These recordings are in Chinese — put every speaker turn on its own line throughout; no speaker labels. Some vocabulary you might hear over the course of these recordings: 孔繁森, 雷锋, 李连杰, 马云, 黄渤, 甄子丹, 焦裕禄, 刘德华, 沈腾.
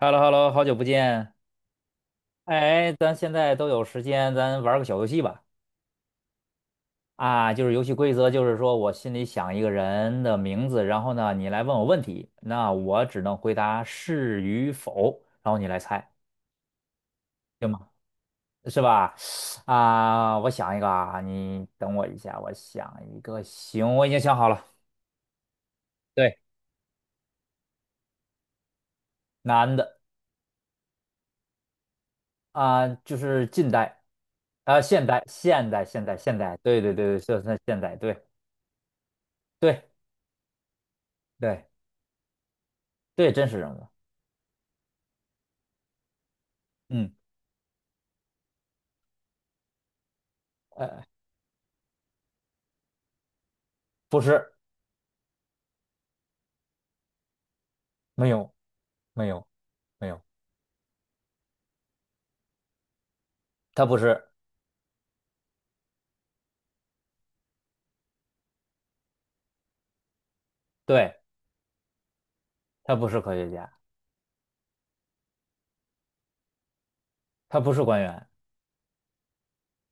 h e l l o h e l l o 好久不见。哎，咱现在都有时间，咱玩个小游戏吧。就是游戏规则，就是说我心里想一个人的名字，然后呢，你来问我问题，那我只能回答是与否，然后你来猜，行吗？是吧？我想一个啊，你等我一下，我想一个。行，我已经想好了。对，男的。就是近代。现代，现代，现代，现代，对对对对，就是现代，对对对对，真实人物。嗯。呃，不是，没有，没有，没有，他不是。对，他不是科学家，他不是官员。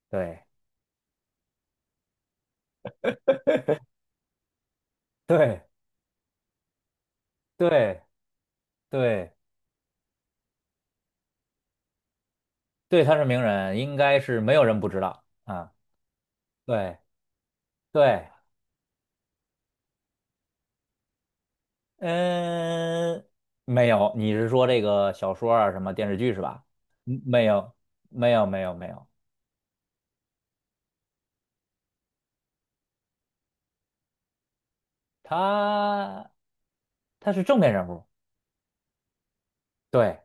对，对，对，对，对，他是名人，应该是没有人不知道啊。对，对，嗯，没有，你是说这个小说啊，什么电视剧是吧？嗯没有，没有，没有，没有，他他是正面人物。对，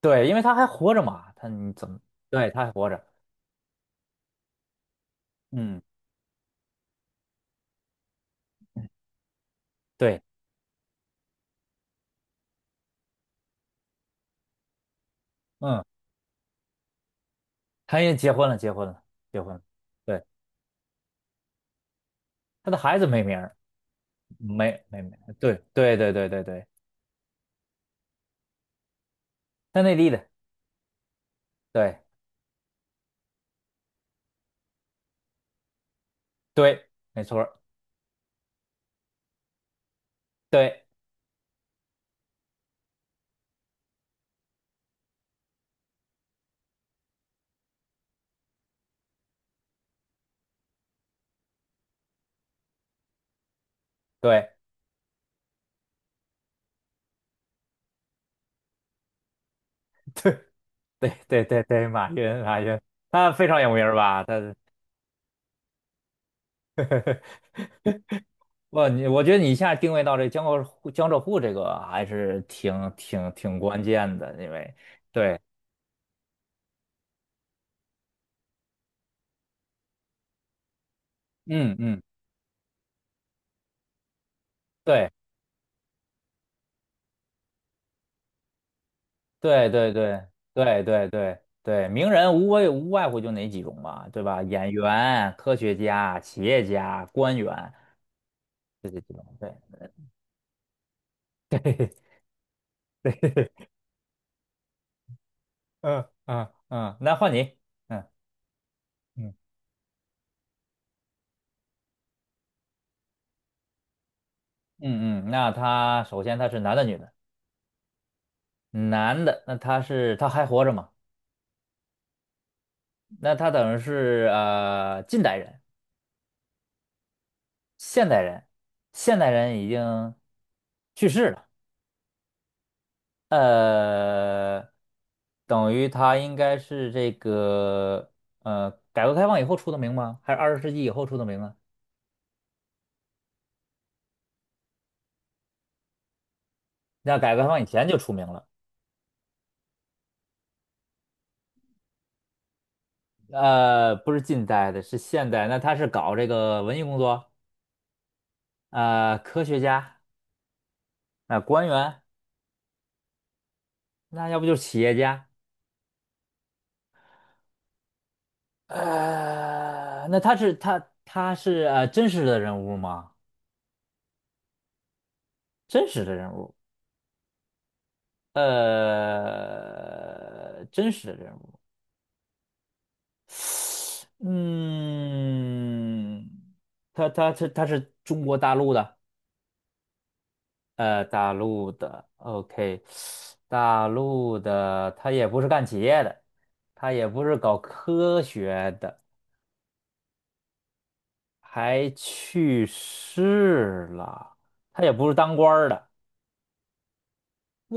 对，因为他还活着嘛，他你怎么，对，他还活着，嗯，对，嗯。他也结婚了，结婚了，结婚了。对，他的孩子没名儿，没没没，对对对对对对，他内地的，对对，没错儿对对对对对对对，马云马云，他非常有名儿吧？他是 哇，你我觉得你一下定位到这江浙沪江浙沪这个还是挺关键的，因为对，嗯嗯，对。对对对对对对对，名人无外乎就哪几种嘛，对吧？演员、科学家、企业家、官员，就这几种。对，嗯嗯嗯，那换你。嗯嗯嗯嗯，那他首先他是男的女的？男的，那他还活着吗？那他等于是近代人、现代人，现代人已经去世了。呃，等于他应该是这个改革开放以后出的名吗？还是20世纪以后出的名啊？那改革开放以前就出名了。不是近代的，是现代。那他是搞这个文艺工作，科学家，官员，那要不就是企业家。那他是真实的人物吗？真实的人物。真实的人物。嗯，他是中国大陆的。大陆的，OK，大陆的，他也不是干企业的，他也不是搞科学的，还去世了，他也不是当官儿的。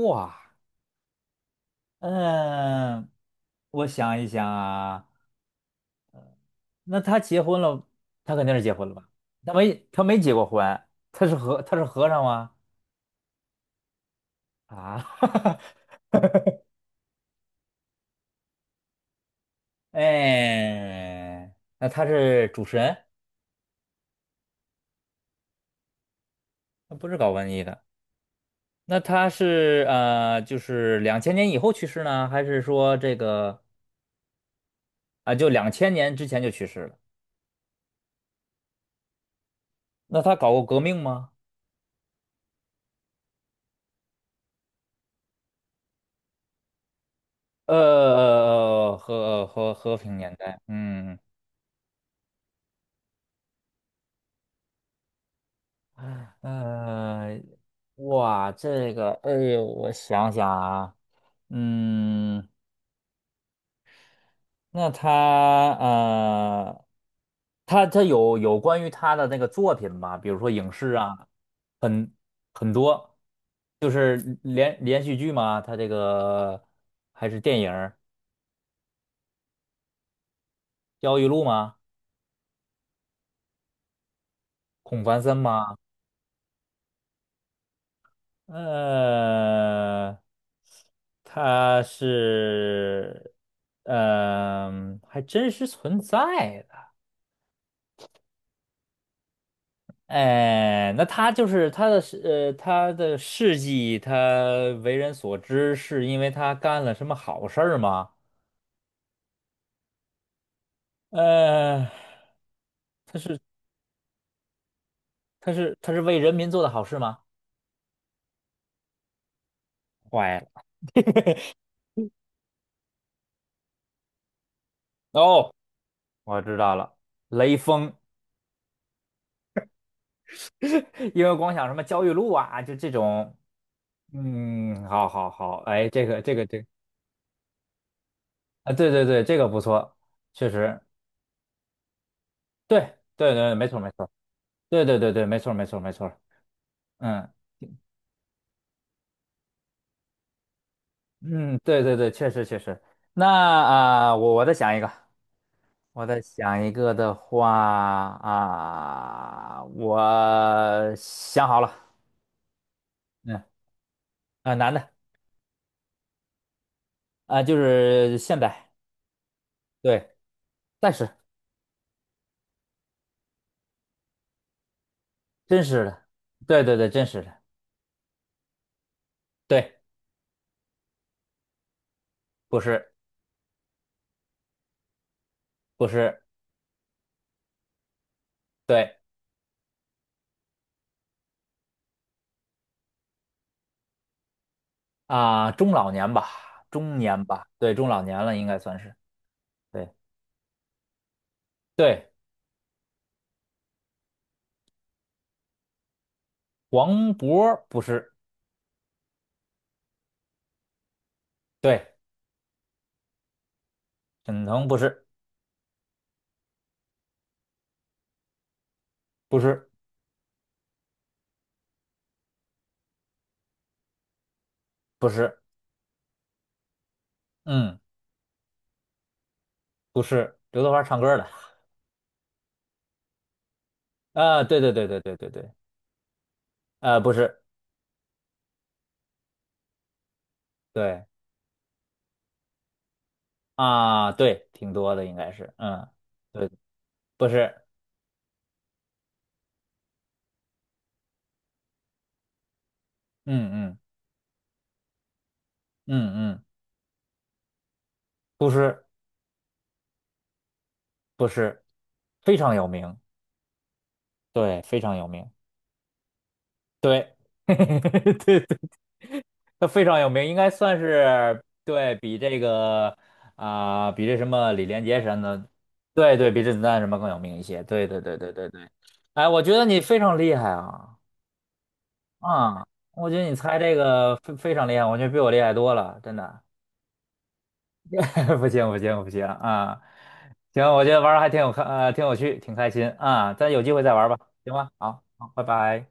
哇，嗯，我想一想啊，那他结婚了，他肯定是结婚了吧？他没结过婚。他是和尚吗？啊，哎，那他是主持人，他不是搞文艺的。那他是就是两千年以后去世呢，还是说这个啊，就两千年之前就去世了？那他搞过革命吗？和平年代。嗯呃，哇，这个，哎呦，我想想啊，嗯。那他呃，他有关于他的那个作品吗？比如说影视啊，很很多，就是连续剧吗？他这个还是电影儿焦裕禄》吗？孔繁森吗？呃，他是，还真实存在的。哎，那他就是他的事迹，他为人所知，是因为他干了什么好事儿吗？呃，他是为人民做的好事吗？坏了，哦，我知道了，雷锋。因为光想什么焦裕禄啊，就这种。嗯，好好好，哎，这个对对对，这个不错，确实，对对对，没错没错，对对对对，没错没错没错。嗯。嗯，对对对，确实确实。那我再想一个，我再想一个的话啊、我想好了。嗯男的。就是现代，对，但是真实的，对对对，真实的，对，不是不是，对啊、中老年吧，中年吧，对，中老年了应该算是，对对，黄渤不是，对，沈腾不是，不是不是，嗯。不是刘德华唱歌的，啊，对对对对对对对。不是，对啊，对，挺多的应该是，嗯，对，不是，嗯嗯嗯嗯，不是不是，非常有名，对，非常有名，对，对对，他非常有名，应该算是对比这个啊、比这什么李连杰什么的，对对，比甄子丹什么更有名一些，对对对对对对。哎，我觉得你非常厉害啊。啊，我觉得你猜这个非常厉害，我觉得比我厉害多了，真的。不行不行不行啊！行，我觉得玩儿还挺有看，挺有趣，挺开心啊。咱有机会再玩儿吧，行吗？好，好，拜拜。